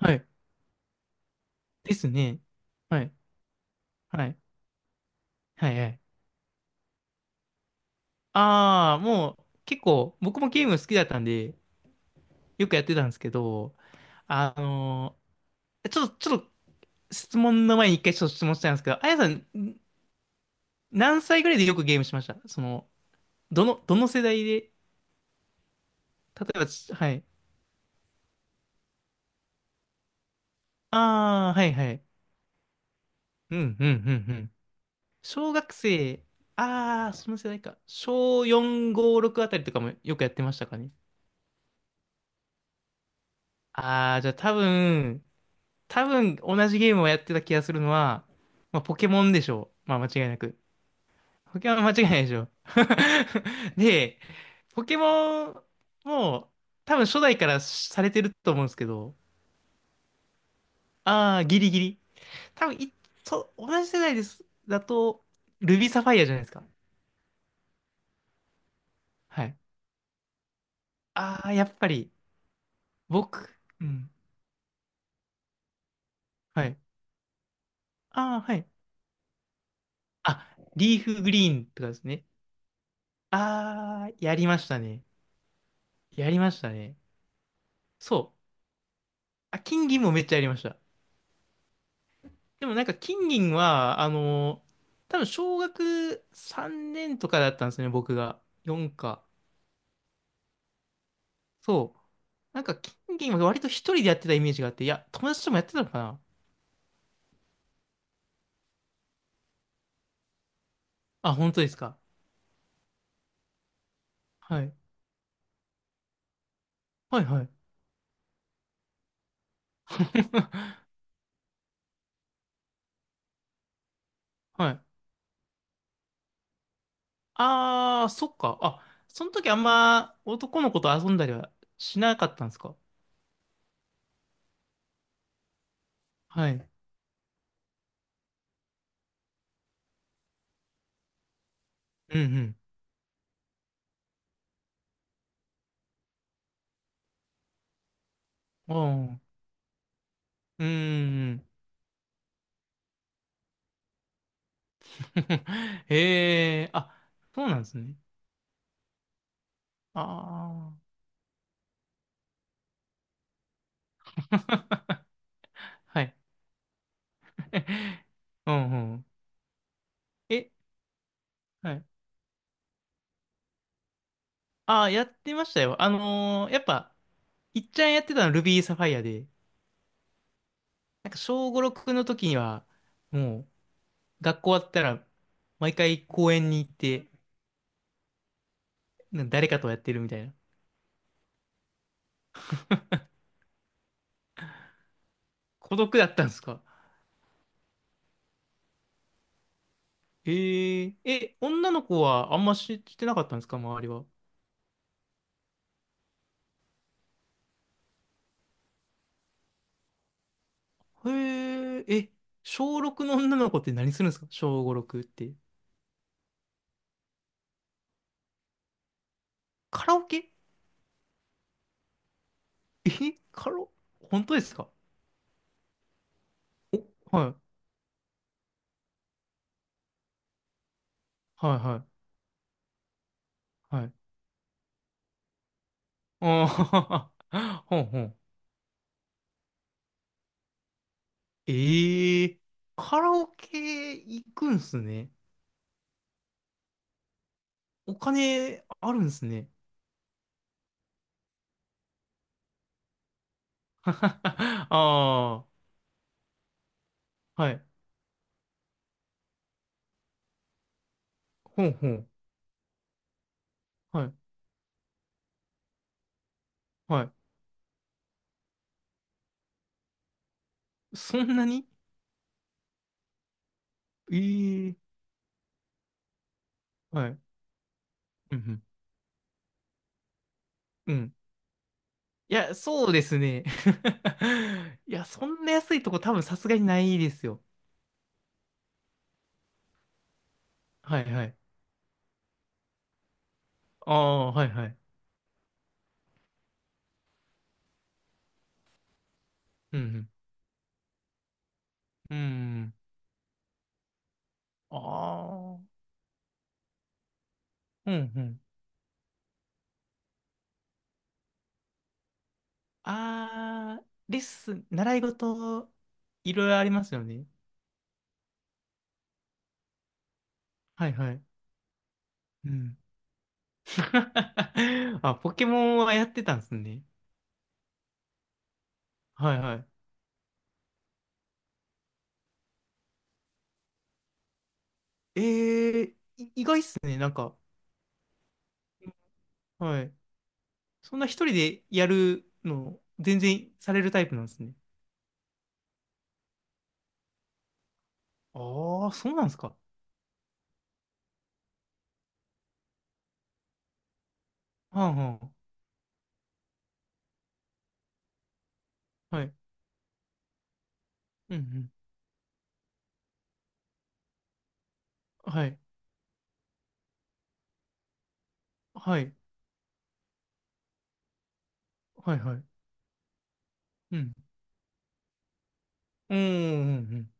はい。ですね。はい。はい。はい。はい。ああ、もう結構僕もゲーム好きだったんで、よくやってたんですけど、あのちょっと質問の前に一回ちょっと質問したいんですけど、あやさん、ん何歳ぐらいでよくゲームしました？その、どの世代で、例えばはい。ああ、はいはい。うん、うん、うん、うん。小学生、ああ、その世代か。小4、5、6あたりとかもよくやってましたかね。ああ、じゃあ多分同じゲームをやってた気がするのは、まあ、ポケモンでしょう。まあ間違いなく。ポケモンは 間違いないでしょう。で、ポケモンも多分初代からされてると思うんですけど、ああ、ギリギリ。多分い、そう、同じ世代です。だと、ルビーサファイアじゃないですか。はい。ああ、やっぱり、僕、うん。はい。ああ、はい。あ、リーフグリーンとかですね。ああ、やりましたね。やりましたね。そう。あ、金銀もめっちゃやりました。でもなんか金銀は、多分小学3年とかだったんですよね、僕が。4か。そう。なんか金銀は割と一人でやってたイメージがあって、いや、友達ともやってたのかなあ。本当ですか？はい。はいはい。はい。あー、そっか。あ、その時あんま男の子と遊んだりはしなかったんですか？はい。うんうん。あーうん。うーん。 へえ、あ、そうなんですね。ああ。はい。うんうん。え、はい。ああ、やってましたよ。やっぱ、いっちゃんやってたのは Ruby Sapphire で、なんか小五六の時には、もう、学校終わったら、毎回公園に行って、なんか誰かとやってるみたいな。孤独だったんですか？え、女の子はあんま知ってなかったんですか周りは？へえ、え、小六の女の子って何するんですか？小五六って。カラオケ？え、カラオ、本当ですか？お、はい、はい、はい。はい。ああ、ほんほん。ええ、カラオケ行くんすね。お金あるんすね。ああ、はい。ほんほん。はい。はい。そんなに？ええ。はい。うんうん。うん。いや、そうですね。いや、そんな安いとこ多分さすがにないですよ。はいはい。ああ、はいはい。うんうん。うん。ああ、うんうん。あー、レッスン、習い事、いろいろありますよね。はいはい。うん。あ、ポケモンはやってたんですね。はいはい。えー、ですね、なんか、はい。そんな一人でやるの、全然されるタイプなんですね。ああ、そうなんですか？はんはん。はい。うんうん。はい。はい。はいはい。うん。うんうんうんうん。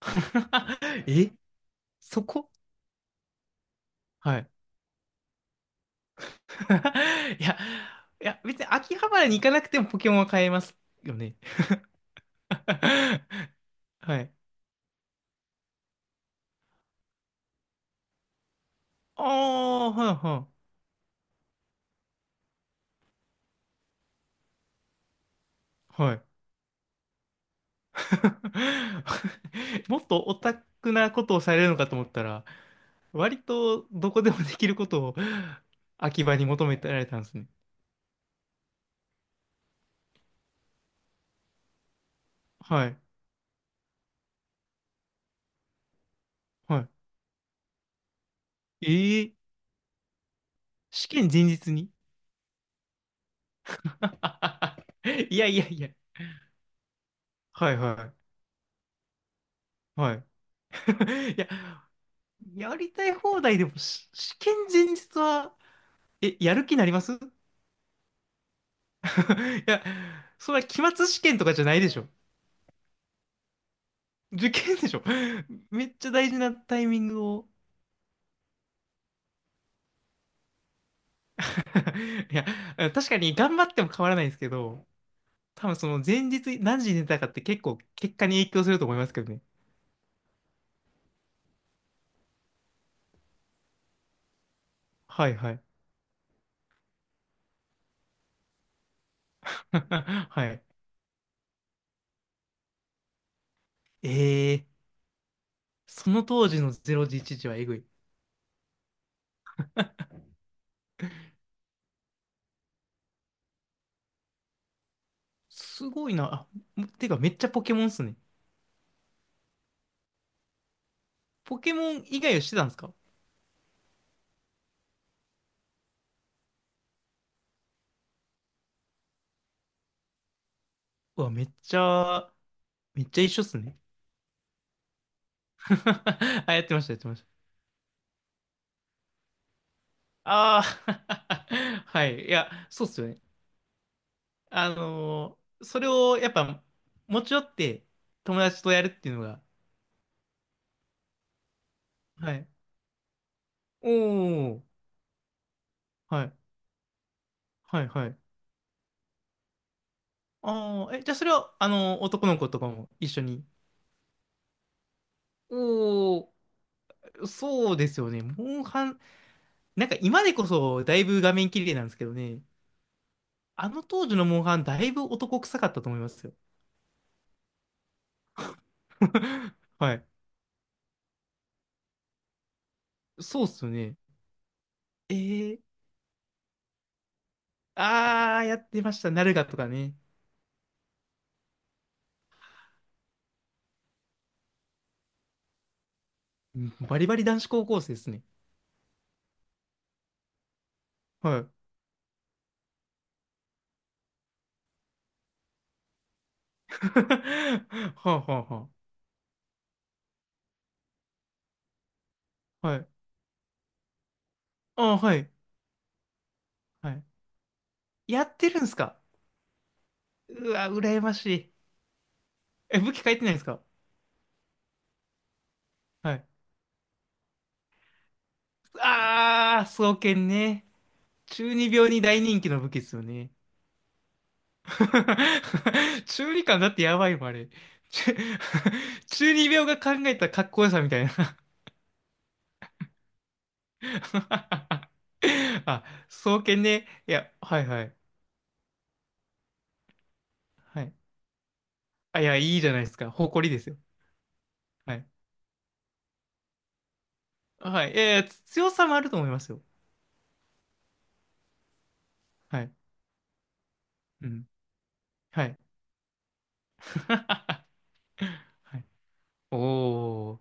え、そこ？はい。いや、いや、別に秋葉原に行かなくてもポケモンは買えますよね。はい。ああ、はいはい。はい。もっとオタクなことをされるのかと思ったら、割とどこでもできることを秋葉に求めてられたんですね。はい。はい。ええ、試験前日に？ いやいやいや。はいはい。はい。いや、やりたい放題でもし試験前日はやる気になります？ いや、それは期末試験とかじゃないでしょ。受験でしょ。めっちゃ大事なタイミングを。いや、確かに頑張っても変わらないんですけど、多分その前日何時に寝たかって結構結果に影響すると思いますけどね。はいはい。はい。えー、その当時の0時1時はえぐい。すごいな。あ、てかめっちゃポケモンっすね。ポケモン以外をしてたんですか？うわ、めっちゃ一緒っすね。あ、やってました、やってました。ああ、はい。いや、そうっすよね。それをやっぱ持ち寄って友達とやるっていうのが、はい。おお、はい、はい、はい。ああ、え、じゃあそれは、男の子とかも一緒に。おお、そうですよね。モンハン、なんか今でこそだいぶ画面綺麗なんですけどね。あの当時のモンハン、だいぶ男臭かったと思いますよ。はい。そうっすよね。えー、ああ、やってました。ナルガとかね。バリバリ男子高校生ですね。はい。はあはあはあ。はい。ああ、はい。はい。やってるんですか？うわ、羨ましい。え、武器変えてないんですか？はい。ああ、双剣ね。中二病に大人気の武器ですよね。中二感だってやばいもん、あれ。中 中二病が考えたかっこよさみたいな。 あ、双剣ね。いや、はいはい。はい。あ、いや、いいじゃないですか。誇りですよ。はいはい。えー、強さもあると思いますよ。はい。うん。はい。はい。おー。